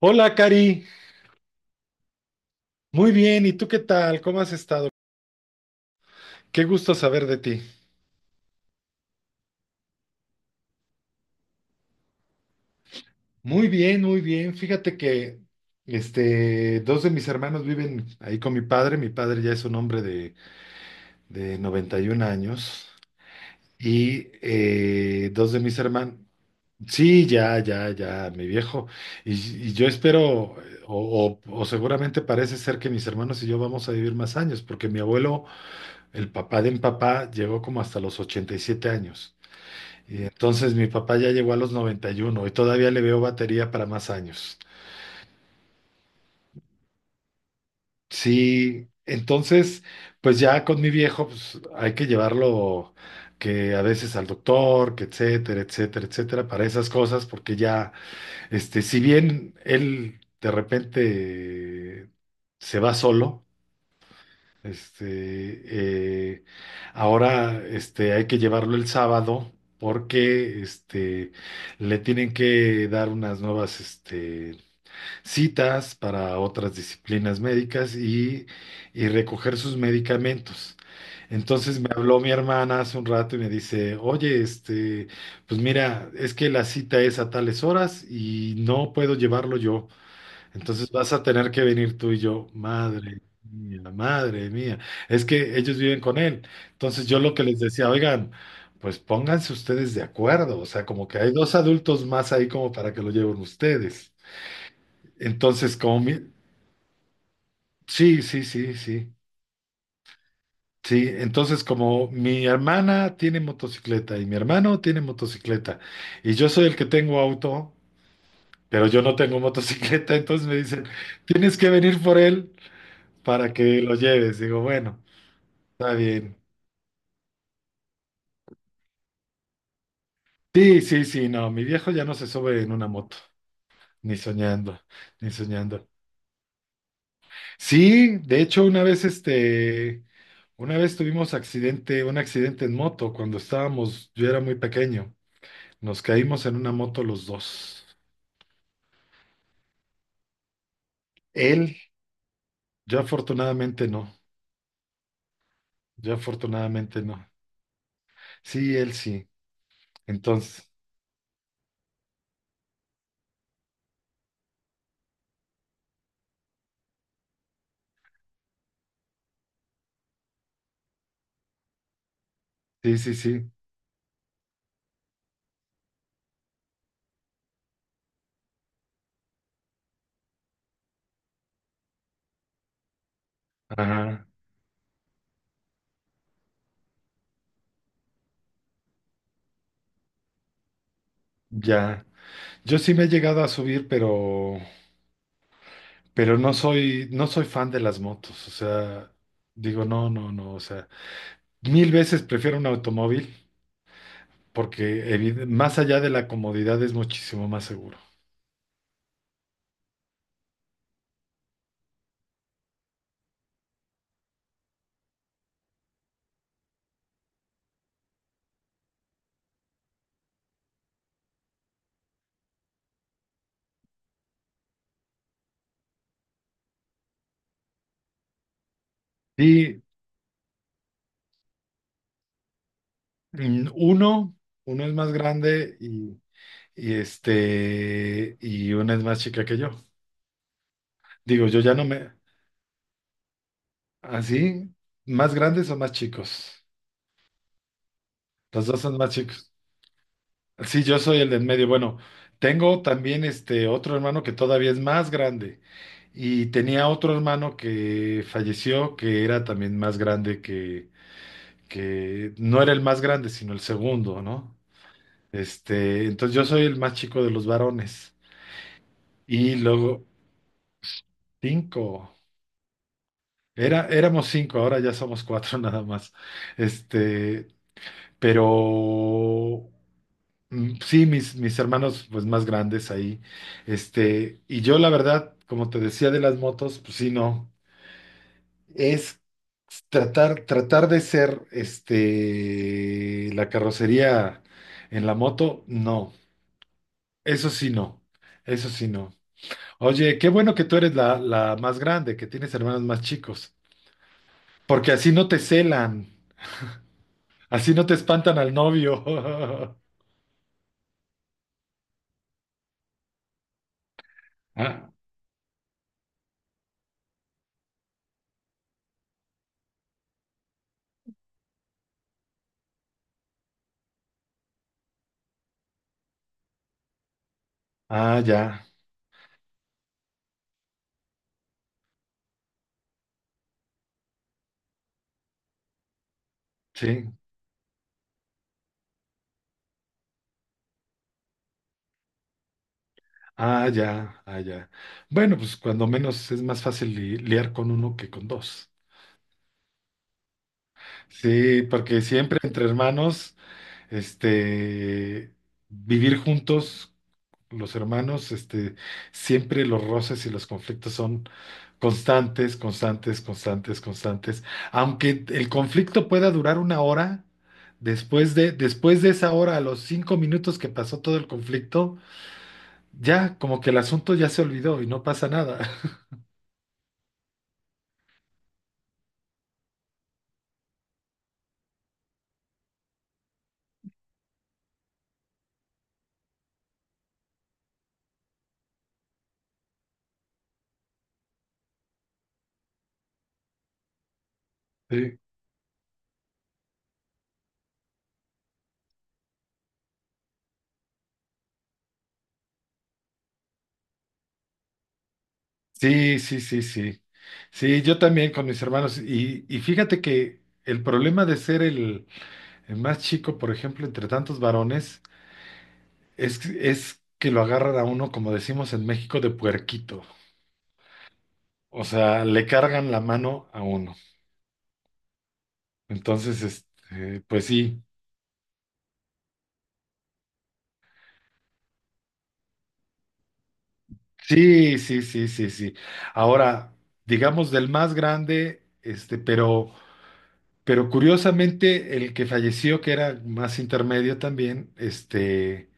Hola, Cari. Muy bien, ¿y tú qué tal? ¿Cómo has estado? Qué gusto saber de ti. Muy bien, muy bien. Fíjate que dos de mis hermanos viven ahí con mi padre. Mi padre ya es un hombre de 91 años. Y dos de mis hermanos. Sí, ya, ya, ya, mi viejo. Y, y yo espero, o seguramente parece ser que mis hermanos y yo vamos a vivir más años, porque mi abuelo, el papá de mi papá, llegó como hasta los 87 años. Y entonces mi papá ya llegó a los 91 y uno y todavía le veo batería para más años. Sí, entonces, pues ya con mi viejo, pues hay que llevarlo que a veces al doctor, que etcétera, etcétera, etcétera, para esas cosas, porque ya, si bien él de repente se va solo, este, eh, ahora, hay que llevarlo el sábado porque, le tienen que dar unas nuevas, citas para otras disciplinas médicas y recoger sus medicamentos. Entonces me habló mi hermana hace un rato y me dice, oye, pues mira, es que la cita es a tales horas y no puedo llevarlo yo. Entonces vas a tener que venir tú y yo, madre mía, madre mía. Es que ellos viven con él. Entonces yo lo que les decía, oigan, pues pónganse ustedes de acuerdo. O sea, como que hay dos adultos más ahí como para que lo lleven ustedes. Entonces, como mi... Sí, sí, sí, sí. Sí, entonces como mi hermana tiene motocicleta y mi hermano tiene motocicleta y yo soy el que tengo auto, pero yo no tengo motocicleta, entonces me dicen, tienes que venir por él para que lo lleves. Digo, bueno, está bien. Sí, sí, sí, no, mi viejo ya no se sube en una moto, ni soñando, ni soñando. Sí, de hecho una vez una vez tuvimos accidente, un accidente en moto cuando estábamos, yo era muy pequeño. Nos caímos en una moto los dos. Él, yo afortunadamente no. Yo afortunadamente no. Sí, él sí. Entonces, sí, sí, sí. Ajá, ya. Yo sí me he llegado a subir, pero no soy, no soy fan de las motos. O sea, digo, no, no, no. O sea, mil veces prefiero un automóvil porque evide- más allá de la comodidad es muchísimo más seguro. Sí, mm, uno, uno es más grande y y una es más chica que yo. Digo, yo ya no me, así, más grandes o más chicos. Los dos son más chicos. Sí, yo soy el del medio. Bueno, tengo también este otro hermano que todavía es más grande. Y tenía otro hermano que falleció, que era también más grande que no era el más grande, sino el segundo, ¿no? Entonces yo soy el más chico de los varones. Y luego, cinco. Era, éramos cinco, ahora ya somos cuatro nada más. Este, pero sí, mis hermanos pues más grandes ahí. Y yo la verdad, como te decía de las motos, pues sí, no. Es tratar de ser la carrocería en la moto, no. Eso sí, no. Eso sí, no. Oye, qué bueno que tú eres la más grande, que tienes hermanos más chicos, porque así no te celan. Así no te espantan al novio. Ah, Ah, ya, sí. Ah, ya, ah, ya. Bueno, pues cuando menos es más fácil li- liar con uno que con dos. Sí, porque siempre entre hermanos. Este, vivir juntos, los hermanos, siempre los roces y los conflictos son constantes, constantes, constantes, constantes. Aunque el conflicto pueda durar una hora, después de esa hora, a los 5 minutos que pasó todo el conflicto, ya como que el asunto ya se olvidó y no pasa nada. Sí, sí, sí, sí. Sí, Sí, yo también con mis hermanos. Y fíjate que el problema de ser el más chico, por ejemplo, entre tantos varones, es que lo agarran a uno, como decimos en México, de puerquito. O sea, le cargan la mano a uno. Entonces, pues sí, sí, sí, sí, sí, sí. Ahora, digamos del más grande, pero curiosamente, el que falleció, que era más intermedio también,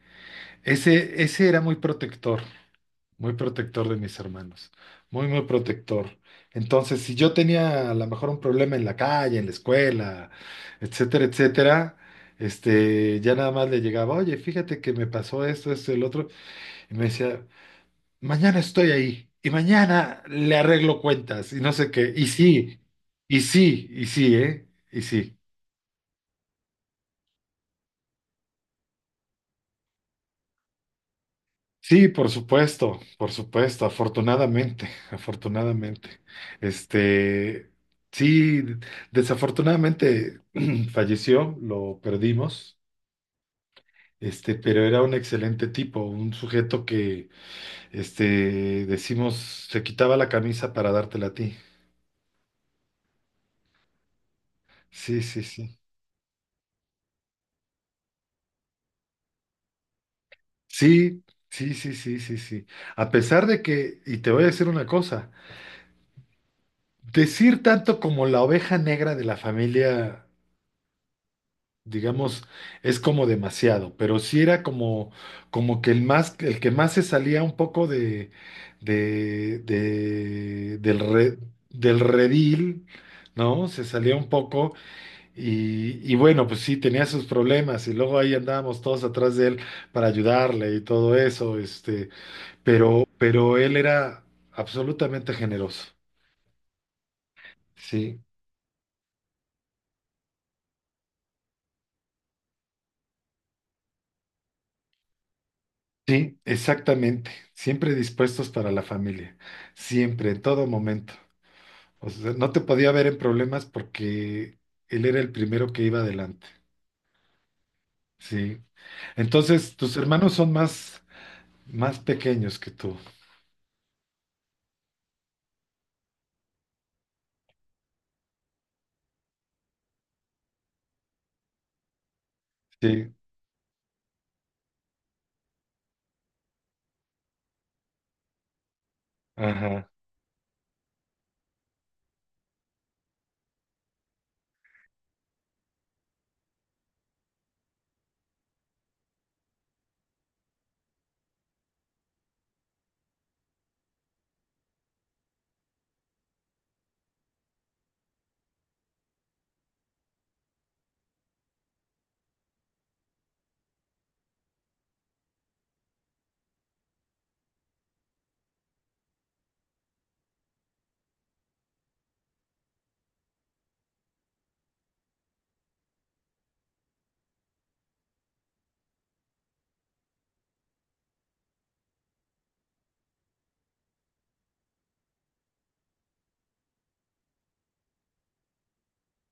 ese era muy protector. Muy protector de mis hermanos, muy protector. Entonces, si yo tenía a lo mejor un problema en la calle, en la escuela, etcétera, etcétera, ya nada más le llegaba, oye, fíjate que me pasó esto, esto, el otro, y me decía, mañana estoy ahí, y mañana le arreglo cuentas, y no sé qué, y sí, y sí, y sí, ¿eh? Y sí. Sí, por supuesto, afortunadamente, afortunadamente. Este, sí, desafortunadamente falleció, lo perdimos, pero era un excelente tipo, un sujeto que, decimos, se quitaba la camisa para dártela a ti. Sí, sí, sí. Sí, sí, sí, sí, sí, sí. A pesar de que, y te voy a decir una cosa, decir tanto como la oveja negra de la familia. Digamos, es como demasiado, pero sí era como, como que el más, el que más se salía un poco de- del re- del redil, ¿no? Se salía un poco y bueno, pues sí, tenía sus problemas y luego ahí andábamos todos atrás de él para ayudarle y todo eso, pero él era absolutamente generoso, sí. Sí, exactamente. Siempre dispuestos para la familia. Siempre, en todo momento. O sea, no te podía ver en problemas porque él era el primero que iba adelante. Sí. Entonces, tus hermanos son más pequeños que tú. Sí. Ajá.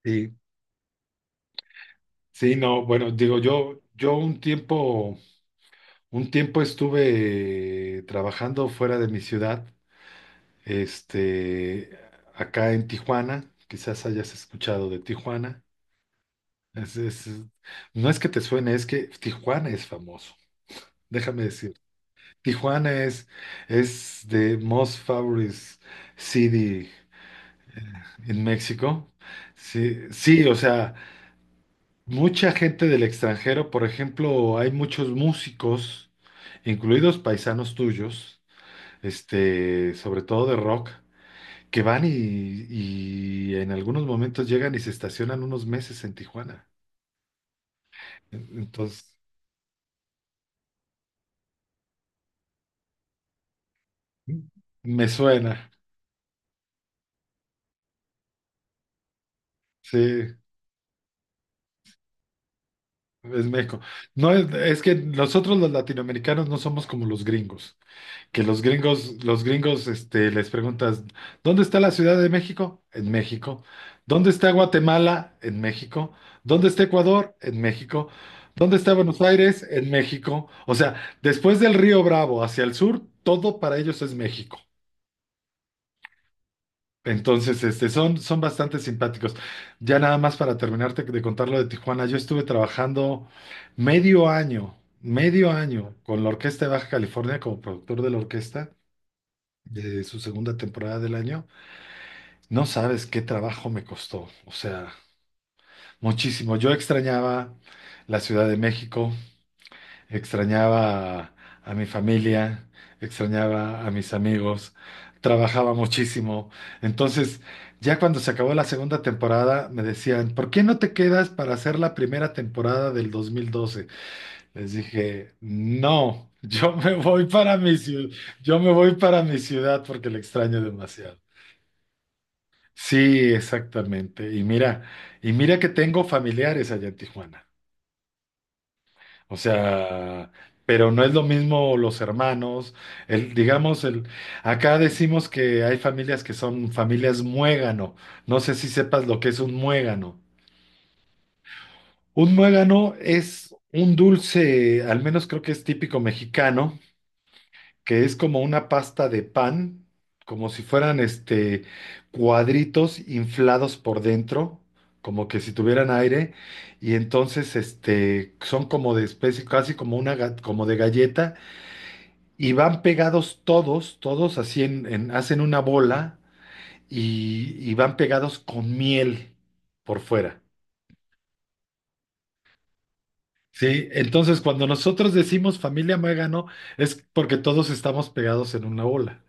Sí. Sí, no, bueno, digo, yo un tiempo estuve trabajando fuera de mi ciudad, este, acá en Tijuana. Quizás hayas escuchado de Tijuana. Es- es- no es que te suene, es que Tijuana es famoso. Déjame Tijuana es the most favorite city en México. Sí, sí, o sea, mucha gente del extranjero, por ejemplo, hay muchos músicos, incluidos paisanos tuyos, sobre todo de rock, que van y en algunos momentos llegan y se estacionan unos meses en Tijuana. Entonces, me suena, sí. Es México. No es, es que nosotros los latinoamericanos no somos como los gringos, que los gringos, les preguntas, ¿dónde está la Ciudad de México? En México. ¿Dónde está Guatemala? En México. ¿Dónde está Ecuador? En México. ¿Dónde está Buenos Aires? En México. O sea, después del Río Bravo hacia el sur, todo para ellos es México. Entonces, son, son bastante simpáticos. Ya nada más para terminarte de contar lo de Tijuana, yo estuve trabajando medio año con la Orquesta de Baja California como productor de la orquesta de su segunda temporada del año. No sabes qué trabajo me costó, o sea, muchísimo. Yo extrañaba la Ciudad de México, extrañaba a mi familia, extrañaba a mis amigos, trabajaba muchísimo. Entonces, ya cuando se acabó la segunda temporada, me decían, ¿por qué no te quedas para hacer la primera temporada del 2012? Les dije, no, yo me voy para mi ciudad, yo me voy para mi ciudad porque la extraño demasiado. Sí, exactamente. Y mira que tengo familiares allá en Tijuana. O sea, pero no es lo mismo los hermanos, el, digamos, el, acá decimos que hay familias que son familias muégano. No sé si sepas lo que es un muégano. Un muégano es un dulce, al menos creo que es típico mexicano, que es como una pasta de pan, como si fueran cuadritos inflados por dentro, como que si tuvieran aire, y entonces son como de especie, casi como una ga- como de galleta y van pegados todos, todos así en- hacen una bola y van pegados con miel por fuera. Sí, entonces cuando nosotros decimos familia Muégano es porque todos estamos pegados en una bola.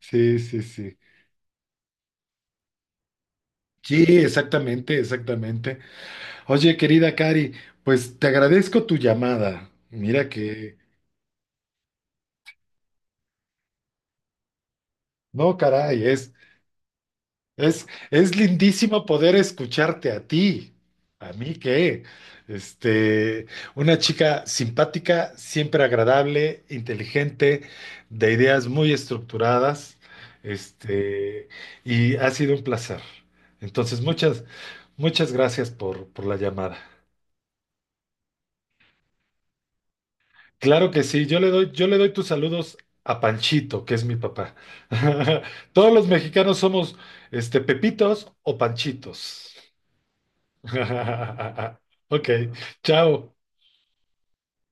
Sí, sí, sí. Sí, exactamente, exactamente. Oye, querida Cari, pues te agradezco tu llamada. Mira que, no, caray, es lindísimo poder escucharte a ti. A mí qué. Este, una chica simpática, siempre agradable, inteligente, de ideas muy estructuradas. Este, y ha sido un placer. Entonces, muchas gracias por la llamada. Claro que sí, yo le doy tus saludos a Panchito, que es mi papá. Todos los mexicanos somos Pepitos o Panchitos. Ok, chao.